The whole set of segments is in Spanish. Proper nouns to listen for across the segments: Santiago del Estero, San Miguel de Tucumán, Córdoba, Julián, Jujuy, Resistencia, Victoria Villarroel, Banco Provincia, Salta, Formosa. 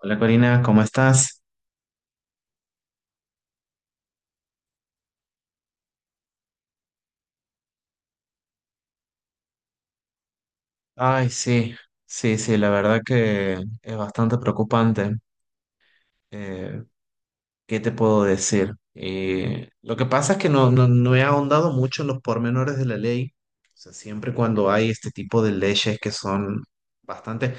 Hola Corina, ¿cómo estás? Ay, sí, sí, sí, la verdad que es bastante preocupante. Eh, ¿Qué te puedo decir? Lo que pasa es que no he ahondado mucho en los pormenores de la ley. O sea, siempre cuando hay este tipo de leyes que son bastante...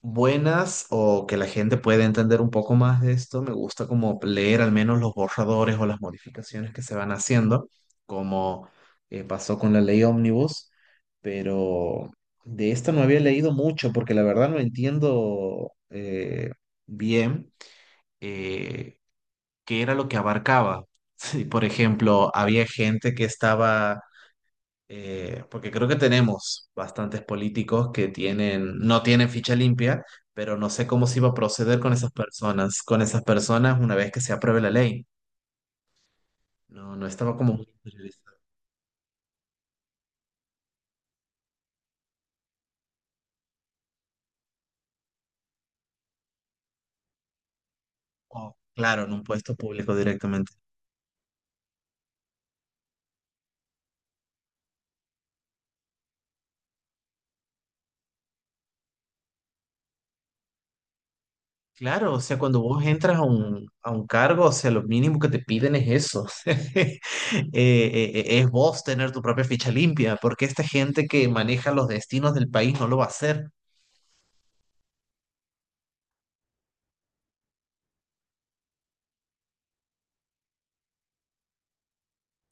buenas o que la gente pueda entender un poco más de esto, me gusta como leer al menos los borradores o las modificaciones que se van haciendo, como pasó con la ley Omnibus, pero de esta no había leído mucho porque la verdad no entiendo bien eh, qué era lo que abarcaba. Sí, por ejemplo, había gente que estaba porque creo que tenemos bastantes políticos que tienen, no tienen ficha limpia, pero no sé cómo se iba a proceder con esas personas una vez que se apruebe la ley. No, no estaba como muy interiorizado. O, claro, en un puesto público directamente. Claro, o sea, cuando vos entras a un cargo, o sea, lo mínimo que te piden es eso. Es vos tener tu propia ficha limpia, porque esta gente que maneja los destinos del país no lo va a hacer.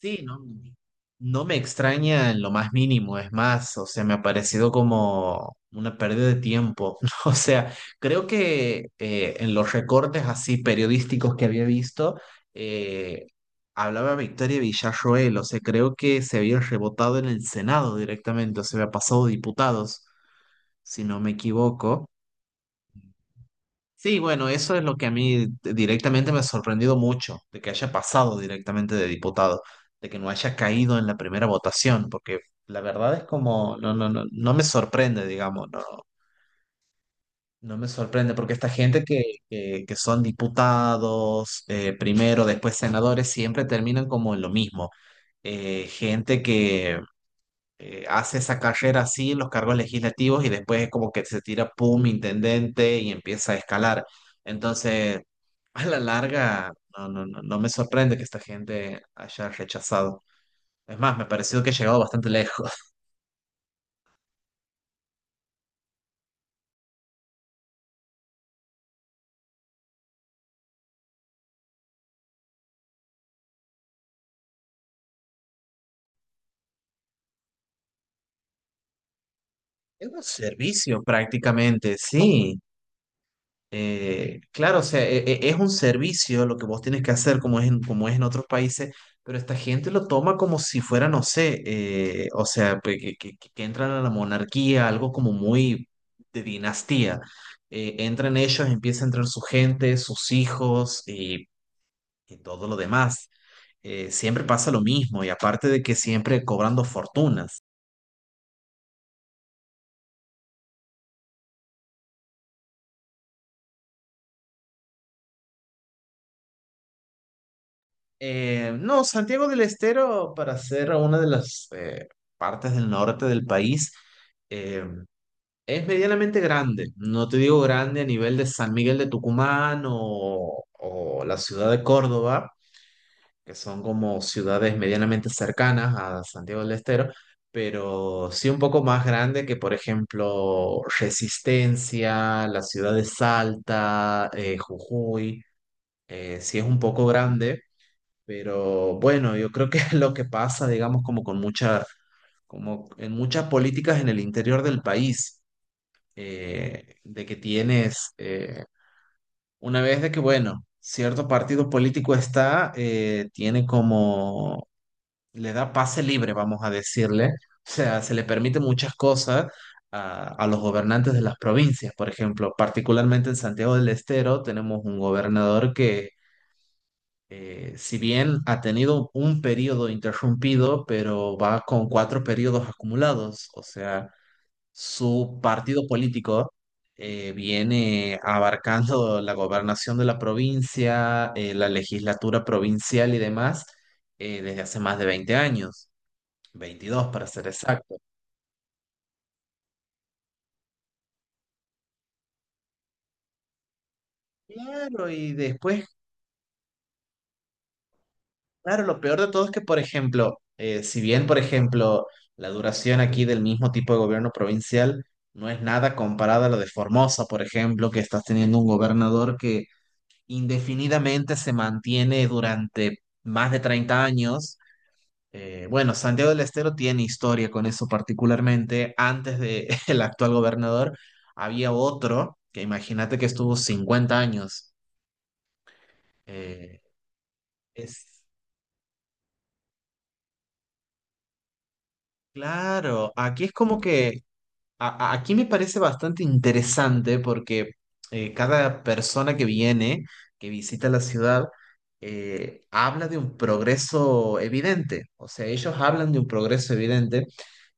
Sí, no, no me extraña en lo más mínimo, es más, o sea, me ha parecido como una pérdida de tiempo. O sea, creo que en los recortes así periodísticos que había visto, eh, hablaba Victoria Villarroel, o sea, creo que se había rebotado en el Senado directamente, o sea, había pasado diputados, si no me equivoco. Sí, bueno, eso es lo que a mí directamente me ha sorprendido mucho, de que haya pasado directamente de diputado, de que no haya caído en la primera votación, porque la verdad es como, no me sorprende, digamos, no, no me sorprende, porque esta gente que son diputados, primero, después senadores, siempre terminan como en lo mismo. Gente que hace esa carrera así en los cargos legislativos y después es como que se tira, pum, intendente y empieza a escalar. Entonces, a la larga, no me sorprende que esta gente haya rechazado. Es más, me ha parecido que ha llegado bastante lejos. Es un servicio prácticamente, sí. Claro, o sea, es un servicio lo que vos tienes que hacer como es en otros países, pero esta gente lo toma como si fuera, no sé, o sea, que, que entran a la monarquía, algo como muy de dinastía. Entran ellos, empieza a entrar su gente, sus hijos y todo lo demás. Siempre pasa lo mismo y aparte de que siempre cobrando fortunas. No, Santiago del Estero, para ser una de las partes del norte del país, eh, es medianamente grande. No te digo grande a nivel de San Miguel de Tucumán o la ciudad de Córdoba, que son como ciudades medianamente cercanas a Santiago del Estero, pero sí un poco más grande que, por ejemplo, Resistencia, la ciudad de Salta, Jujuy. Sí es un poco grande pero bueno, yo creo que lo que pasa, digamos, como con mucha, como en muchas políticas en el interior del país, de que tienes, una vez de que, bueno, cierto partido político está, tiene como, le da pase libre, vamos a decirle, o sea, se le permite muchas cosas a los gobernantes de las provincias, por ejemplo, particularmente en Santiago del Estero tenemos un gobernador que si bien ha tenido un periodo interrumpido, pero va con cuatro periodos acumulados, o sea, su partido político viene abarcando la gobernación de la provincia, la legislatura provincial y demás desde hace más de 20 años, 22 para ser exacto. Claro, y después. Claro, lo peor de todo es que, por ejemplo, si bien, por ejemplo, la duración aquí del mismo tipo de gobierno provincial no es nada comparada a lo de Formosa, por ejemplo, que estás teniendo un gobernador que indefinidamente se mantiene durante más de 30 años. Bueno, Santiago del Estero tiene historia con eso particularmente. Antes de el actual gobernador había otro que imagínate que estuvo 50 años. Eh, es Claro, aquí es como que aquí me parece bastante interesante porque cada persona que viene, que visita la ciudad, habla de un progreso evidente. O sea, ellos hablan de un progreso evidente,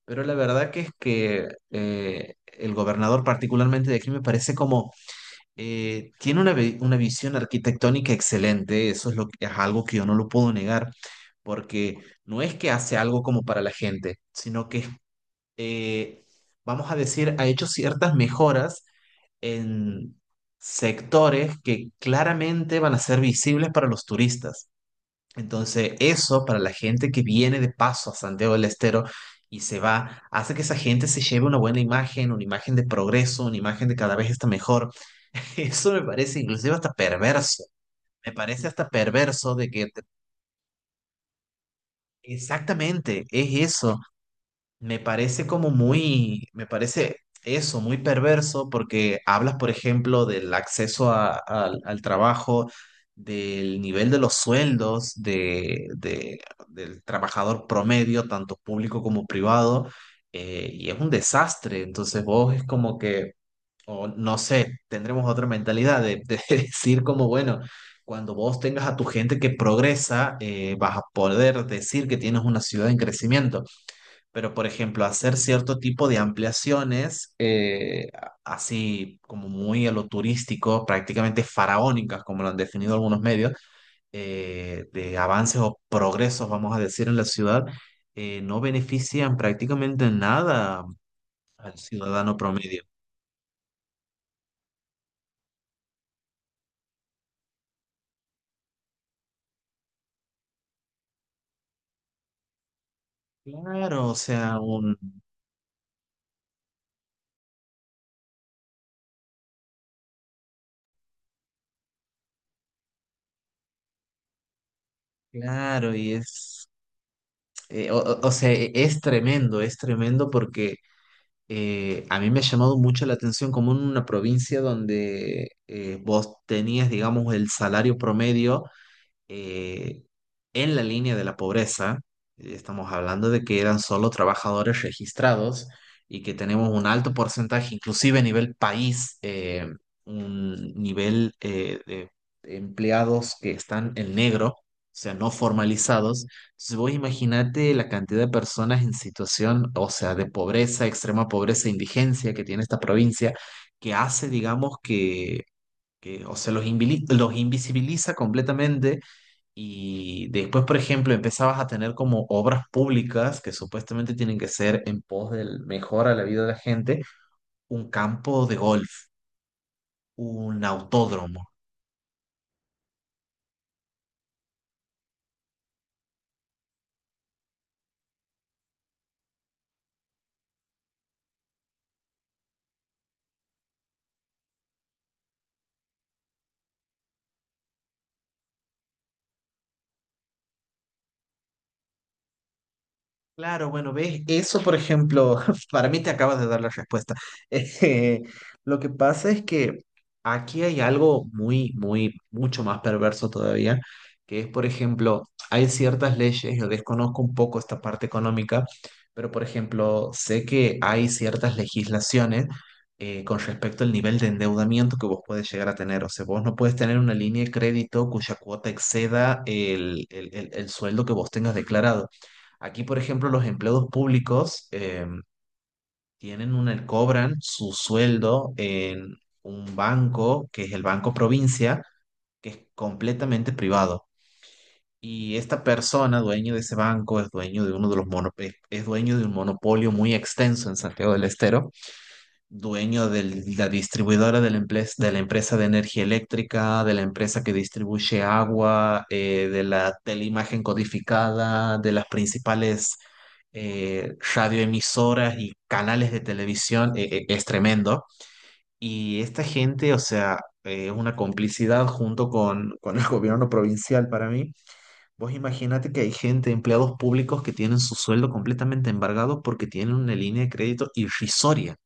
pero la verdad que es que el gobernador particularmente de aquí me parece como tiene una, una visión arquitectónica excelente. Eso es, lo, es algo que yo no lo puedo negar, porque no es que hace algo como para la gente, sino que es eh, vamos a decir, ha hecho ciertas mejoras en sectores que claramente van a ser visibles para los turistas. Entonces, eso para la gente que viene de paso a Santiago del Estero y se va, hace que esa gente se lleve una buena imagen, una imagen de progreso, una imagen de cada vez está mejor. Eso me parece inclusive hasta perverso. Me parece hasta perverso de que exactamente es eso. Me parece como muy, me parece eso, muy perverso, porque hablas, por ejemplo, del acceso al trabajo, del nivel de los sueldos del trabajador promedio, tanto público como privado, y es un desastre. Entonces vos es como que, o no sé, tendremos otra mentalidad de decir como, bueno, cuando vos tengas a tu gente que progresa, vas a poder decir que tienes una ciudad en crecimiento. Pero, por ejemplo, hacer cierto tipo de ampliaciones, así como muy a lo turístico, prácticamente faraónicas, como lo han definido algunos medios, de avances o progresos, vamos a decir, en la ciudad, no benefician prácticamente en nada al ciudadano promedio. Claro, o sea, claro, y es, o sea, es tremendo porque a mí me ha llamado mucho la atención como en una provincia donde vos tenías, digamos, el salario promedio eh, en la línea de la pobreza, estamos hablando de que eran solo trabajadores registrados y que tenemos un alto porcentaje, inclusive a nivel país, un nivel de empleados que están en negro, o sea, no formalizados. Entonces vos imaginate la cantidad de personas en situación, o sea, de pobreza, extrema pobreza, indigencia que tiene esta provincia, que hace, digamos, que, o sea, los los invisibiliza completamente y después, por ejemplo, empezabas a tener como obras públicas que supuestamente tienen que ser en pos del mejor a la vida de la gente, un campo de golf, un autódromo. Claro, bueno, ves, eso por ejemplo, para mí te acabas de dar la respuesta. Eh, lo que pasa es que aquí hay algo muy, muy, mucho más perverso todavía, que es, por ejemplo, hay ciertas leyes, yo desconozco un poco esta parte económica, pero por ejemplo, sé que hay ciertas legislaciones con respecto al nivel de endeudamiento que vos puedes llegar a tener. O sea, vos no puedes tener una línea de crédito cuya cuota exceda el el sueldo que vos tengas declarado. Aquí, por ejemplo, los empleados públicos tienen una, cobran su sueldo en un banco, que es el Banco Provincia, que es completamente privado. Y esta persona, dueño de ese banco, es dueño de uno de los es dueño de un monopolio muy extenso en Santiago del Estero, dueño de la distribuidora de la, de la empresa de energía eléctrica, de la empresa que distribuye agua, de la teleimagen codificada, de las principales radioemisoras y canales de televisión, es tremendo. Y esta gente, o sea, es una complicidad junto con el gobierno provincial para mí. Vos imaginate que hay gente, empleados públicos, que tienen su sueldo completamente embargado porque tienen una línea de crédito irrisoria.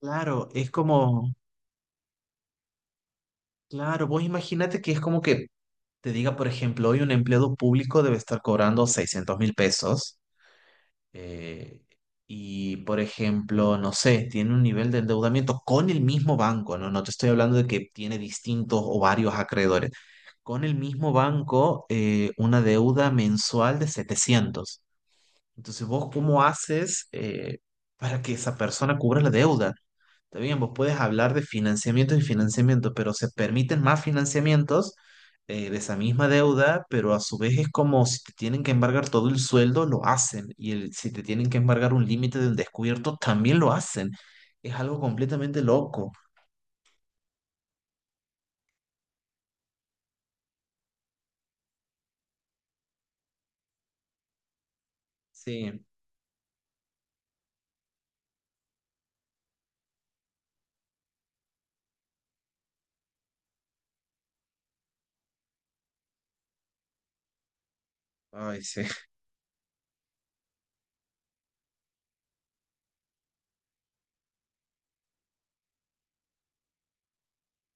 Claro, es como, claro, vos imagínate que es como que te diga, por ejemplo, hoy un empleado público debe estar cobrando $600.000 eh, y, por ejemplo, no sé, tiene un nivel de endeudamiento con el mismo banco, ¿no? No te estoy hablando de que tiene distintos o varios acreedores. Con el mismo banco, una deuda mensual de setecientos. Entonces, ¿vos cómo haces para que esa persona cubra la deuda? Está bien, vos puedes hablar de financiamiento y financiamiento, pero se permiten más financiamientos de esa misma deuda, pero a su vez es como si te tienen que embargar todo el sueldo, lo hacen. Y si te tienen que embargar un límite de un descubierto, también lo hacen. Es algo completamente loco. Sí, ay, sí,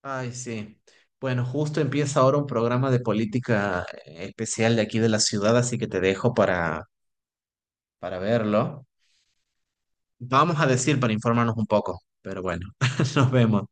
ay, sí. Bueno, justo empieza ahora un programa de política especial de aquí de la ciudad, así que te dejo para verlo. Vamos a decir para informarnos un poco, pero bueno, nos vemos.